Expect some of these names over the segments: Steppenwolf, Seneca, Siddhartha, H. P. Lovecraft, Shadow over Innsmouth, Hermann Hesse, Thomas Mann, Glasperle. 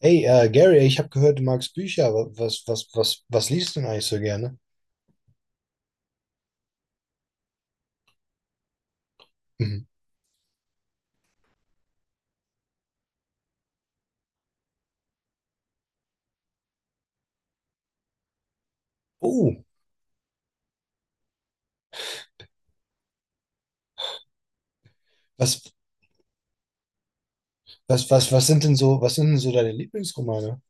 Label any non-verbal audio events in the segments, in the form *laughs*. Hey, Gary, ich habe gehört, du magst Bücher. Was liest du denn eigentlich so gerne? Mhm. Oh, was, was sind denn so deine Lieblingsromane?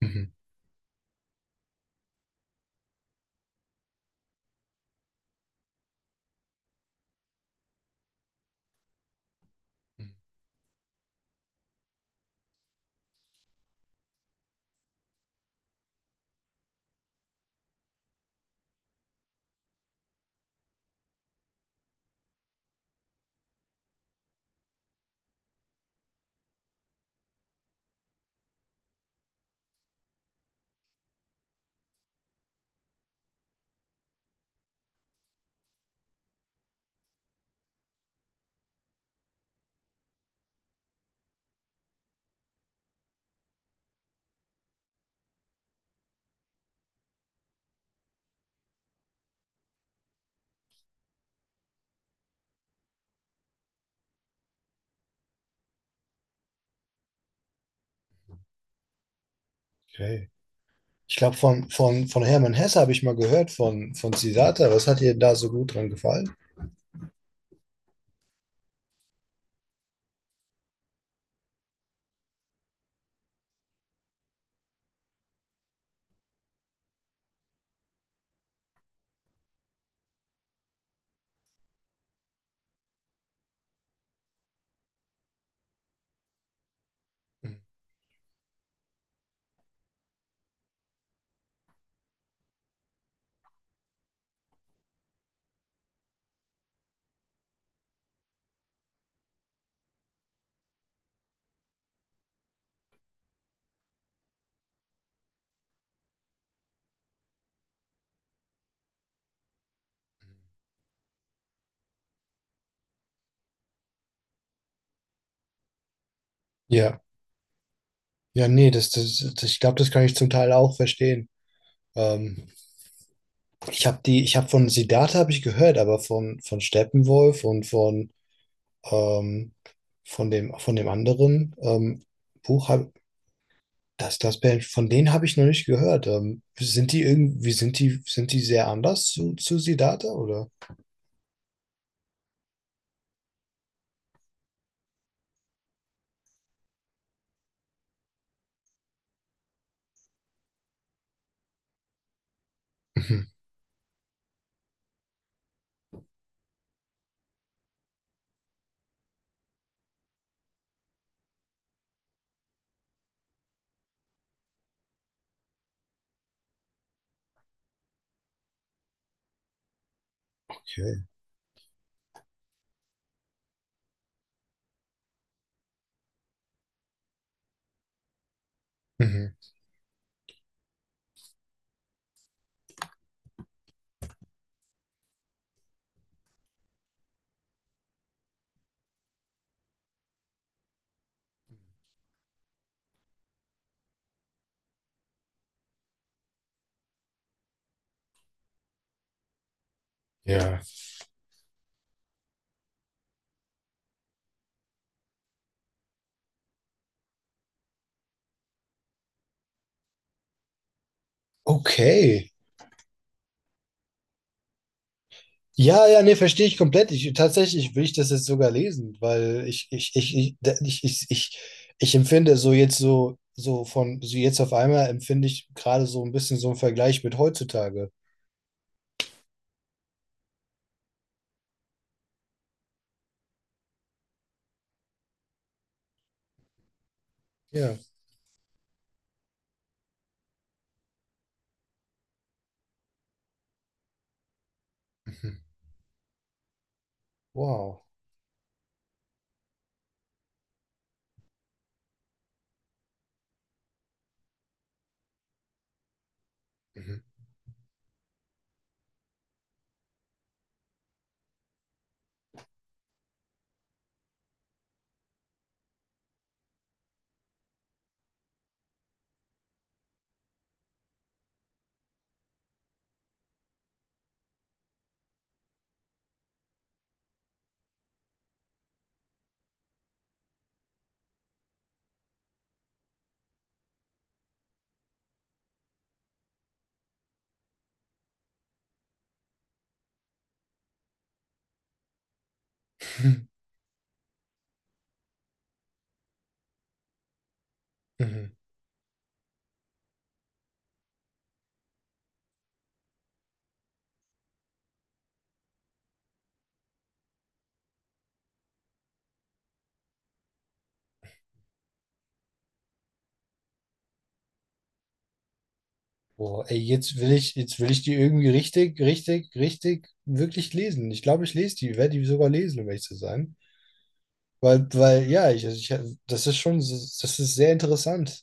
Mhm. Okay. Ich glaube, von Hermann Hesse habe ich mal gehört, von Siddhartha. Was hat dir da so gut dran gefallen? Mhm. Ja, ja, nee, ich glaube, das kann ich zum Teil auch verstehen. Ähm, ich habe von Siddhartha habe ich gehört, aber von Steppenwolf und von ähm, von dem anderen Buch habe das Band, von denen habe ich noch nicht gehört. Sind die irgendwie, sind die sehr anders zu Siddhartha oder? Mhm. Okay. Mhm. Ja. Okay. Ja, ja, nee, verstehe ich komplett. Ich, tatsächlich will ich das jetzt sogar lesen, weil ich, da- ich empfinde so jetzt so, so von, so jetzt auf einmal empfinde ich gerade so ein bisschen so einen Vergleich mit heutzutage. Ja. Mhm. Wow. Mhm. *laughs* Mhm. Boah, ey, jetzt will ich die irgendwie richtig, wirklich lesen. Ich glaube, ich lese die, werde die sogar lesen, um ehrlich zu sein. Ja, ich, das ist schon, das ist sehr interessant.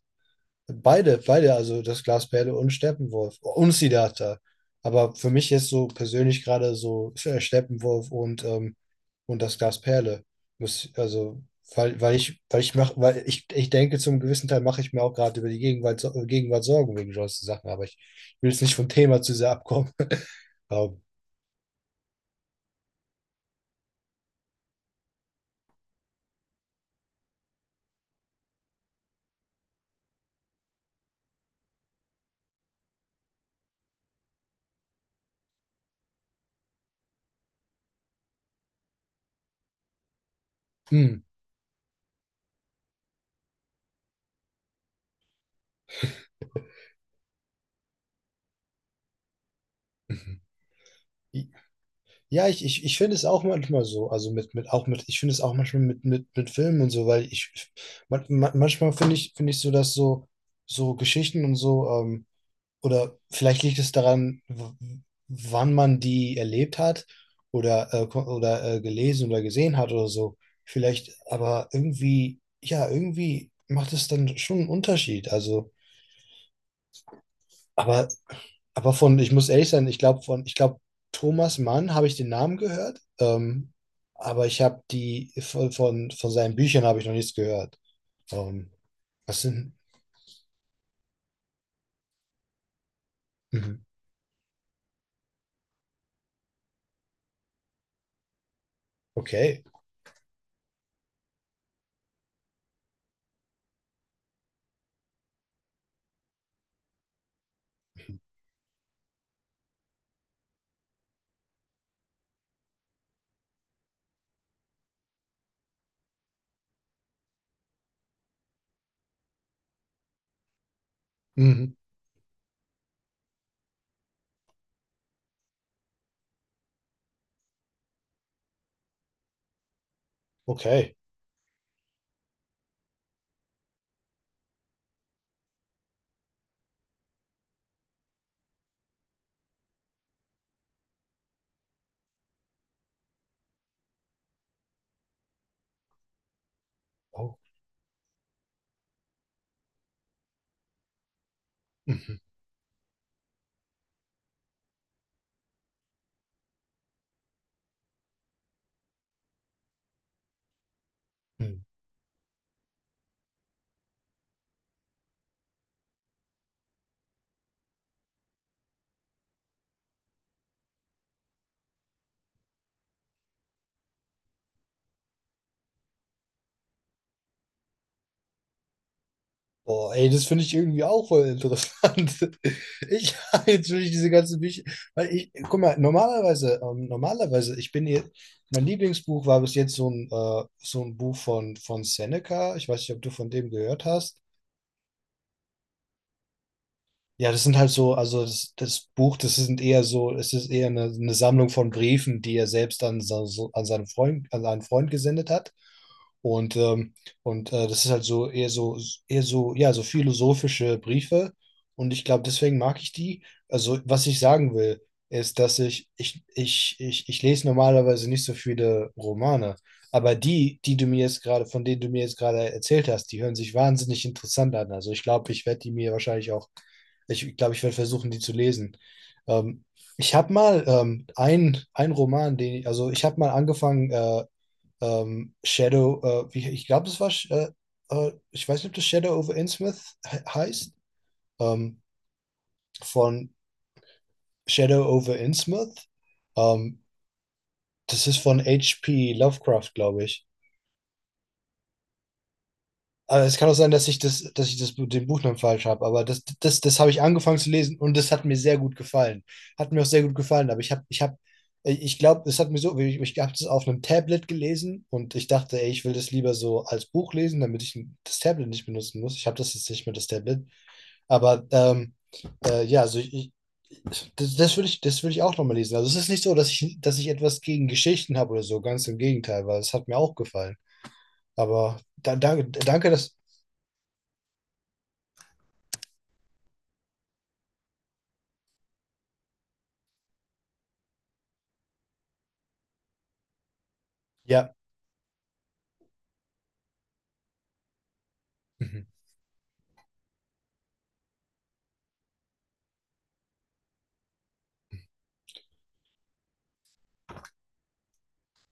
Beide, also das Glasperle und Steppenwolf und Siddhartha. Aber für mich jetzt so persönlich gerade so Steppenwolf und das Glasperle. Muss, also, weil ich denke, zum gewissen Teil mache ich mir auch gerade über die Gegenwart, Gegenwart Sorgen wegen solchen Sachen, aber ich will jetzt nicht vom Thema zu sehr abkommen. *laughs* Aber, hm. Ja, ich finde es auch manchmal so, also ich finde es auch manchmal mit Filmen und so, weil ich, manchmal finde ich so, dass so, so Geschichten und so, oder vielleicht liegt es daran, wann man die erlebt hat oder, gelesen oder gesehen hat oder so, vielleicht, aber irgendwie, ja, irgendwie macht es dann schon einen Unterschied, also, aber aber von, ich muss ehrlich sein, ich glaube, Thomas Mann habe ich den Namen gehört, aber ich habe die von seinen Büchern habe ich noch nichts gehört. Ähm, was sind? Mhm. Okay. Mhm. Okay. Oh. Mhm. Mhm. Boah, ey, das finde ich irgendwie auch voll interessant. *laughs* Ich *laughs* jetzt will ich diese ganzen Bücher, weil ich, guck mal, normalerweise, ich bin hier, mein Lieblingsbuch war bis jetzt so ein Buch von Seneca. Ich weiß nicht, ob du von dem gehört hast. Ja, das sind halt so, das Buch, das sind eher so, es ist eher eine Sammlung von Briefen, die er selbst an, an seinen Freund gesendet hat. Und, das ist halt so eher so, eher so, ja, so philosophische Briefe. Und ich glaube, deswegen mag ich die. Also, was ich sagen will, ist, dass ich lese normalerweise nicht so viele Romane. Aber die du mir jetzt gerade, von denen du mir jetzt gerade erzählt hast, die hören sich wahnsinnig interessant an. Also ich glaube, ich glaube, ich werde versuchen, die zu lesen. Ähm, ich habe mal ein Roman, den ich, also ich habe mal angefangen, Shadow, ich glaube, ich weiß nicht, ob das Shadow over Innsmouth heißt, ähm, von Shadow over Innsmouth. Ähm, das ist von H. P. Lovecraft, glaube ich. Aber es kann auch sein, dass dass ich das, den Buchnamen falsch habe, aber das habe ich angefangen zu lesen und das hat mir sehr gut gefallen. Hat mir auch sehr gut gefallen, aber ich glaube, es hat mir so, ich habe das auf einem Tablet gelesen und ich dachte, ey, ich will das lieber so als Buch lesen, damit ich das Tablet nicht benutzen muss. Ich habe das jetzt nicht mehr, das Tablet. Aber ja, also ich, das würde ich, das würde ich auch nochmal lesen. Also es ist nicht so, dass dass ich etwas gegen Geschichten habe oder so, ganz im Gegenteil, weil es hat mir auch gefallen. Aber da, danke, dass, ja. Mhm.